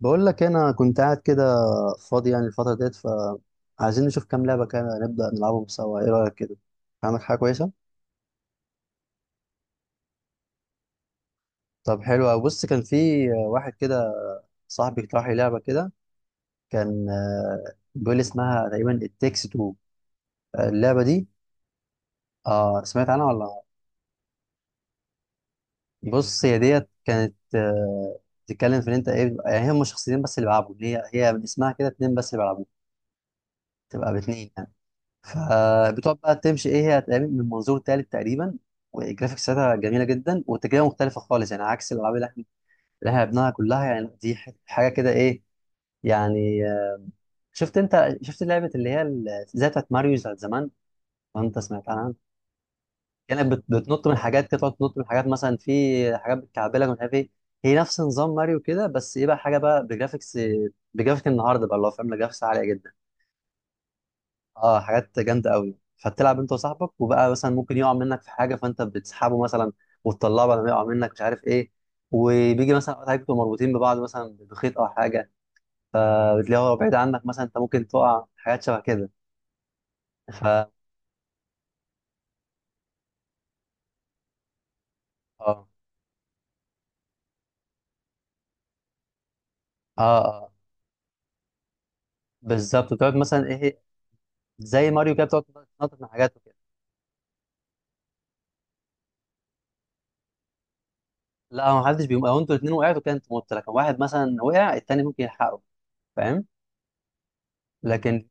بقول لك انا كنت قاعد كده فاضي يعني الفتره ديت، فعايزين نشوف كام لعبه كده نبدا نلعبهم سوا. ايه رايك كده؟ عامل حاجه كويسه. طب حلو أوي. بص كان في واحد كده صاحبي اقترح لي لعبه كده، كان بيقول لي اسمها تقريبا التكس تو، اللعبه دي. اه سمعت عنها ولا لأ؟ بص هي ديت كانت بتتكلم في ان انت ايه يعني هم شخصيتين بس اللي بيلعبوا، هي من اسمها كده، اتنين بس اللي بيلعبوا، تبقى باتنين يعني. فبتقعد بقى تمشي ايه، هي هتقابل من منظور تالت تقريبا، والجرافيكس بتاعتها جميله جدا والتجربه مختلفه خالص يعني، عكس الالعاب اللي احنا لعبناها كلها، يعني دي حاجه كده ايه. يعني شفت انت، شفت لعبه اللي هي زي بتاعت ماريو بتاعت زمان، وانت سمعت عنها. كانت بتنط من حاجات كده، تقعد تنط من حاجات، مثلا في حاجات بتكعبلك ومش عارف ايه. هي نفس نظام ماريو كده بس ايه بقى، حاجه بقى بجرافيكس، بجرافيك النهارده بقى، اللي هو فاهم جرافيكس عاليه جدا، اه حاجات جامده قوي. فتلعب انت وصاحبك، وبقى مثلا ممكن يقع منك في حاجه فانت بتسحبه مثلا، وتطلعه بعد ما يقع منك مش عارف ايه. وبيجي مثلا اوقات حاجات بتبقوا مربوطين ببعض مثلا بخيط او حاجه، فبتلاقيه هو بعيد عنك مثلا، انت ممكن تقع، حاجات شبه كده. ف اه اه اه بالظبط، بتقعد مثلا ايه، زي ماريو كده بتقعد تنطط من حاجات وكده. لا ما حدش بيقوم، لو انتوا الاثنين وقعتوا كده انتوا مت، لكن واحد مثلا وقع، التاني ممكن يلحقه، فاهم؟ لكن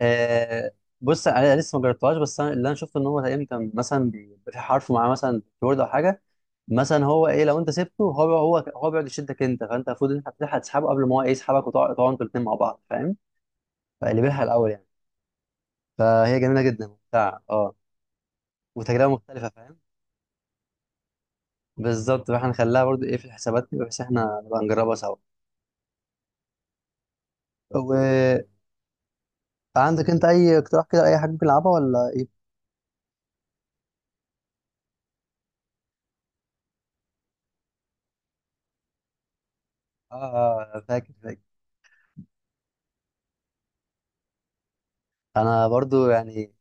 آه بص انا لسه ما جربتهاش، بس انا اللي انا شفته ان هو تقريبا كان مثلا بيبقى في حرف معاه مثلا، كيبورد او حاجه، مثلا هو ايه لو انت سبته هو بيقعد يشدك انت، فانت المفروض ان انت بتلحق تسحبه قبل ما هو ايه يسحبك، وتقعد تقعدوا انتوا الاثنين مع بعض، فاهم؟ فقلبها الاول يعني. فهي جميله جدا ممتعه، اه. وتجربه مختلفه فاهم. بالظبط، فاحنا نخليها برضو ايه في الحسابات كده، بحيث احنا نبقى نجربها سوا. وعندك انت اي اقتراح كده، اي حاجه ممكن نلعبها ولا ايه؟ اه، فاكر فاكر. انا برضو يعني،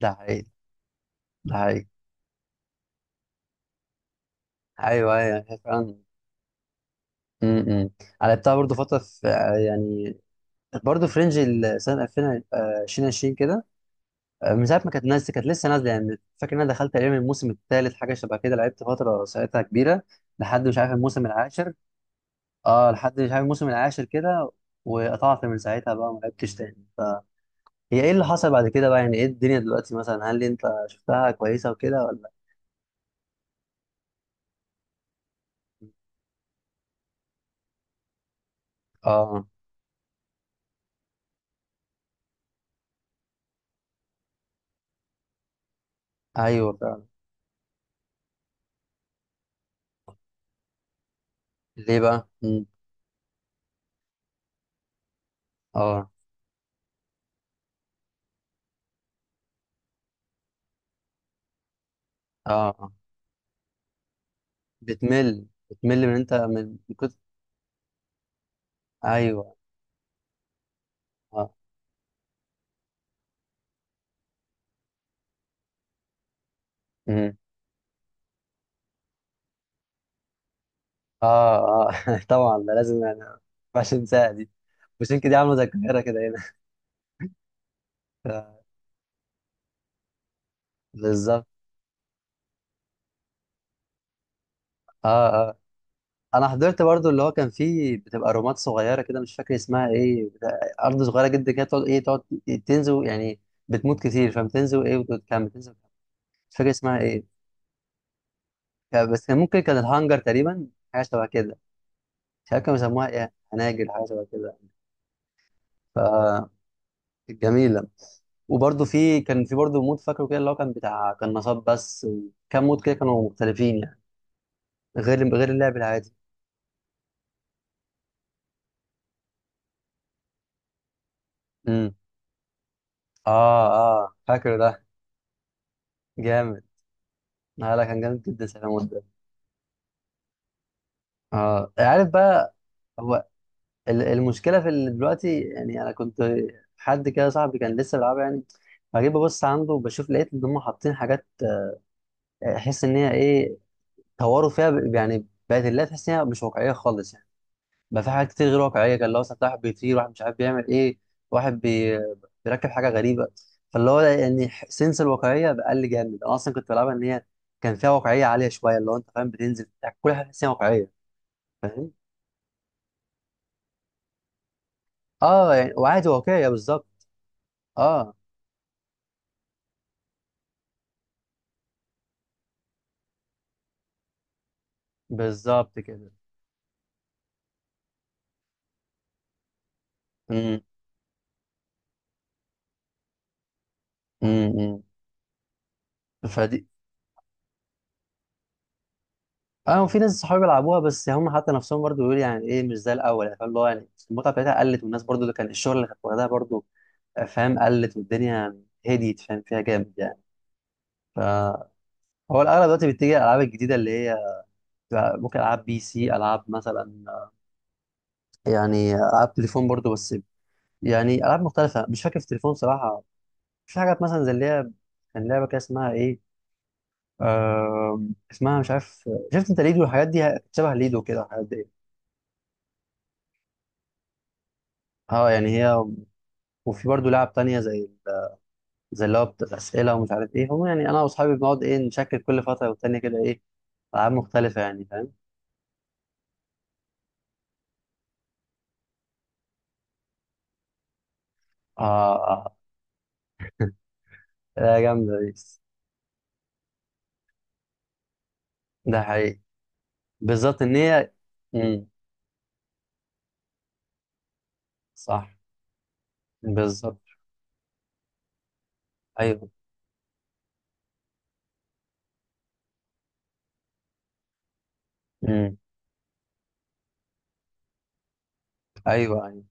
ده حقيقي، ده حقيقي. ايوه ايوه هي فعلا. امم انا لعبتها برضه فتره في يعني برضه في رينج سنه 2020 كده، من ساعه ما كانت نازله، كانت لسه نازله يعني، فاكر ان انا دخلت تقريبا الموسم الثالث حاجه شبه كده، لعبت فتره ساعتها كبيره، لحد مش عارف الموسم العاشر. اه لحد مش عارف الموسم العاشر كده، وقطعت من ساعتها بقى ما لعبتش تاني. فهي ايه اللي حصل بعد كده بقى يعني، ايه الدنيا دلوقتي مثلا، هل انت شفتها كويسه وكده ولا؟ اه ايوه فعلا. ليه بقى؟ اه اه. بتمل بتمل من انت من كتر. ايوه. اه. مم. اه اه. طبعا ده لازم، يعني ما ينفعش ننساها دي. بوشينك دي عامله زي القاهره كده هنا. بالظبط. اه اه، انا حضرت برضو اللي هو كان فيه بتبقى رومات صغيره كده، مش فاكر اسمها ايه، ارض صغيره جدا كده، تقعد ايه، تقعد تنزل يعني. بتموت كتير فبتنزل ايه، وتكمل تنزل وتكمل. مش فاكر اسمها ايه. بس كان ممكن كان الهانجر تقريبا، حاجه شبه كده، مش عارف كانوا بيسموها ايه، هناجر حاجه شبه كده. فجميله. وبرضه في كان في برضه مود فاكره كده، اللي هو كان بتاع كان نصاب بس، وكام مود كده كانوا مختلفين يعني، غير اللعب العادي. امم، اه اه فاكره ده. جامد. آه لا كان جامد جدا ساعة المود ده. اه عارف بقى، هو المشكله في اللي دلوقتي يعني، انا كنت حد كده صاحبي كان لسه بيلعبها يعني، فجيت ببص عنده بشوف، لقيت ان هم حاطين حاجات، احس ان هي ايه، طوروا فيها يعني بقت اللعبه تحس ان هي مش واقعيه خالص يعني. ما في حاجات كتير غير واقعيه، كان لو مثلا واحد بيطير، واحد مش عارف بيعمل ايه، واحد بي... بيركب حاجه غريبه. فاللي هو يعني سنس الواقعيه بقل جامد، انا اصلا كنت بلعبها ان هي كان فيها واقعيه عاليه شويه، اللي هو انت فاهم بتنزل يعني كل حاجه تحس إنها واقعيه. فاهم. اه يعني، وعادي واقعيه بالظبط. اه، بالظبط كده. امم، إمم. فدي اه. وفي ناس صحابي بيلعبوها بس هم حتى نفسهم برضو بيقولوا يعني ايه مش زي الاول يعني، فاهم اللي هو يعني المتعه بتاعتها قلت، والناس برضو اللي كان الشغل اللي كانت واخداها برضو فاهم قلت، والدنيا هديت فاهم فيها جامد يعني. فهو الاغلب دلوقتي بيتجه الالعاب الجديده اللي هي بتبقى ممكن العاب بي سي، العاب مثلا يعني العاب تليفون برضو، بس يعني العاب مختلفه. مش فاكر في التليفون صراحه في حاجات مثلا، زي اللي هي كان لعبه كده اسمها ايه، اسمها مش عارف. شفت انت ليدو؟ الحاجات دي شبه ليدو كده الحاجات دي. اه يعني هي، وفي برضو لعب تانية، زي زي اللي هو بتاعت الاسئله ومش عارف ايه هم، يعني انا واصحابي بنقعد ايه، نشكل كل فتره والتانيه كده ايه، العاب مختلفه يعني فاهم. اه، اه. لا جامده دي. ده حقيقي، بالظبط ان هي. امم، صح، بالظبط. ايوه. امم. ايوه ايوه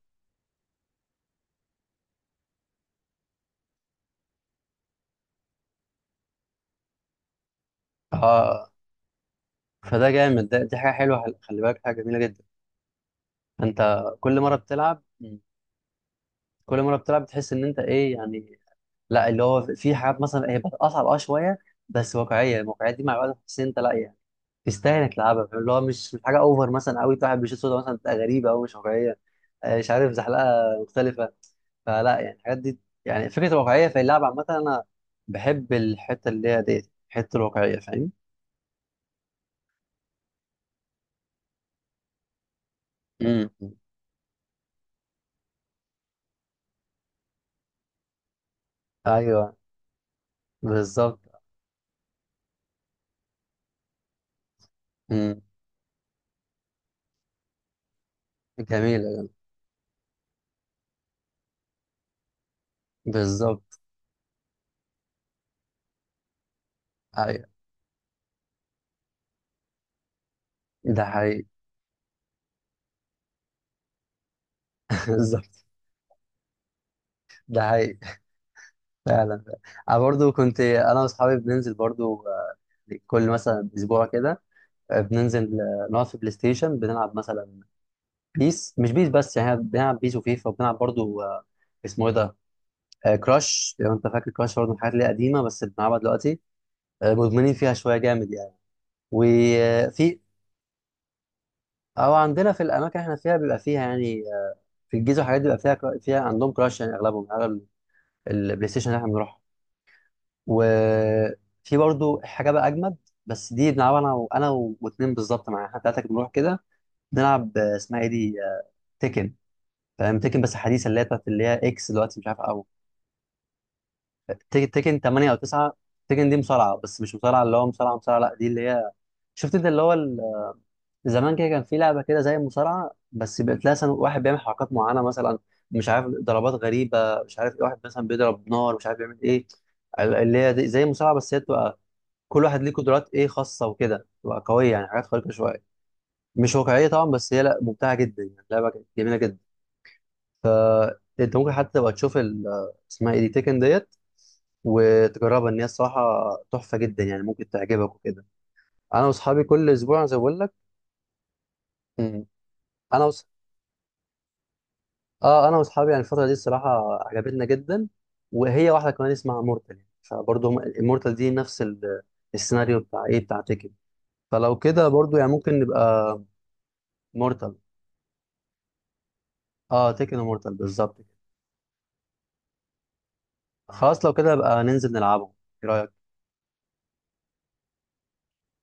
اه. فده جامد ده، دي حاجه حلوه، خلي بالك حاجه جميله جدا. انت كل مره بتلعب، كل مره بتلعب بتحس ان انت ايه يعني. لا اللي هو في حاجات مثلا هي بتبقى اصعب اه شويه، بس واقعيه. الواقعيه دي مع الوقت بتحس ان انت لا يعني تستاهل انك تلعبها، فاهم؟ اللي هو مش مش حاجه اوفر مثلا قوي، واحد بيشوط سودا مثلا تبقى غريبه او مش واقعيه، مش عارف، زحلقه مختلفه. فلا يعني الحاجات دي، يعني فكره واقعيه في اللعب عامه، انا بحب الحته اللي هي ديت، الحته الواقعيه فاهم. امم، ايوه، بالظبط. امم، جميله، جميلة. بالظبط. ايوه، ده حقيقي. بالظبط، ده حقيقي، فعلا فعلا. انا برضو كنت انا واصحابي بننزل برضو كل مثلا اسبوع كده، بننزل نقعد في بلاي ستيشن بنلعب مثلا بيس، مش بيس بس يعني، إحنا بنلعب بيس وفيفا، وبنلعب برضو اسمه ايه ده، آه كراش، لو انت فاكر كراش، برضو من الحاجات اللي هي قديمه بس بنلعبها دلوقتي. آه مدمنين فيها شويه جامد يعني. وفي، او عندنا في الاماكن اللي احنا فيها بيبقى فيها يعني في الجيزه والحاجات دي بيبقى فيها فيها عندهم كراش يعني اغلبهم، اغلب البلاي ستيشن اللي احنا بنروحها. وفي برضو حاجه بقى اجمد، بس دي بنلعبها انا وانا واتنين بالظبط معايا، احنا ثلاثه بنروح كده نلعب اسمها ايه دي، تيكن. فاهم تيكن، بس حديثه اللي هي بتاعت اللي هي اكس دلوقتي، مش عارف، او تيكن 8 او 9. تيكن دي مصارعه، بس مش مصارعه اللي هو مصارعه مصارعه، لا دي اللي هي، شفت انت اللي هو زمان كده كان في لعبه كده زي المصارعه، بس بقت لها واحد بيعمل حركات معينه مثلا، مش عارف ضربات غريبه مش عارف ايه، واحد مثلا بيضرب نار مش عارف بيعمل ايه، زي المصارعه بس هي تبقى كل واحد ليه قدرات ايه خاصه وكده، تبقى قويه يعني، حاجات خارقه شويه، مش واقعيه طبعا، بس هي لا ممتعه جدا يعني، لعبه جميله جدا. فانت ممكن حتى تبقى تشوف اسمها ايه دي، تيكن ديت، وتجربها ان هي الصراحه تحفه جدا يعني، ممكن تعجبك وكده. انا واصحابي كل اسبوع زي ما بقول لك. مم. انا وص... اه انا واصحابي يعني الفتره دي الصراحه عجبتنا جدا. وهي واحده كمان اسمها مورتال، يعني فبرضه هم المورتال دي نفس السيناريو بتاع ايه، بتاع تيكن، فلو كده برضه يعني ممكن نبقى. مورتال، اه تيكن ومورتال بالظبط كده. خلاص لو كده بقى ننزل نلعبهم. ايه رايك؟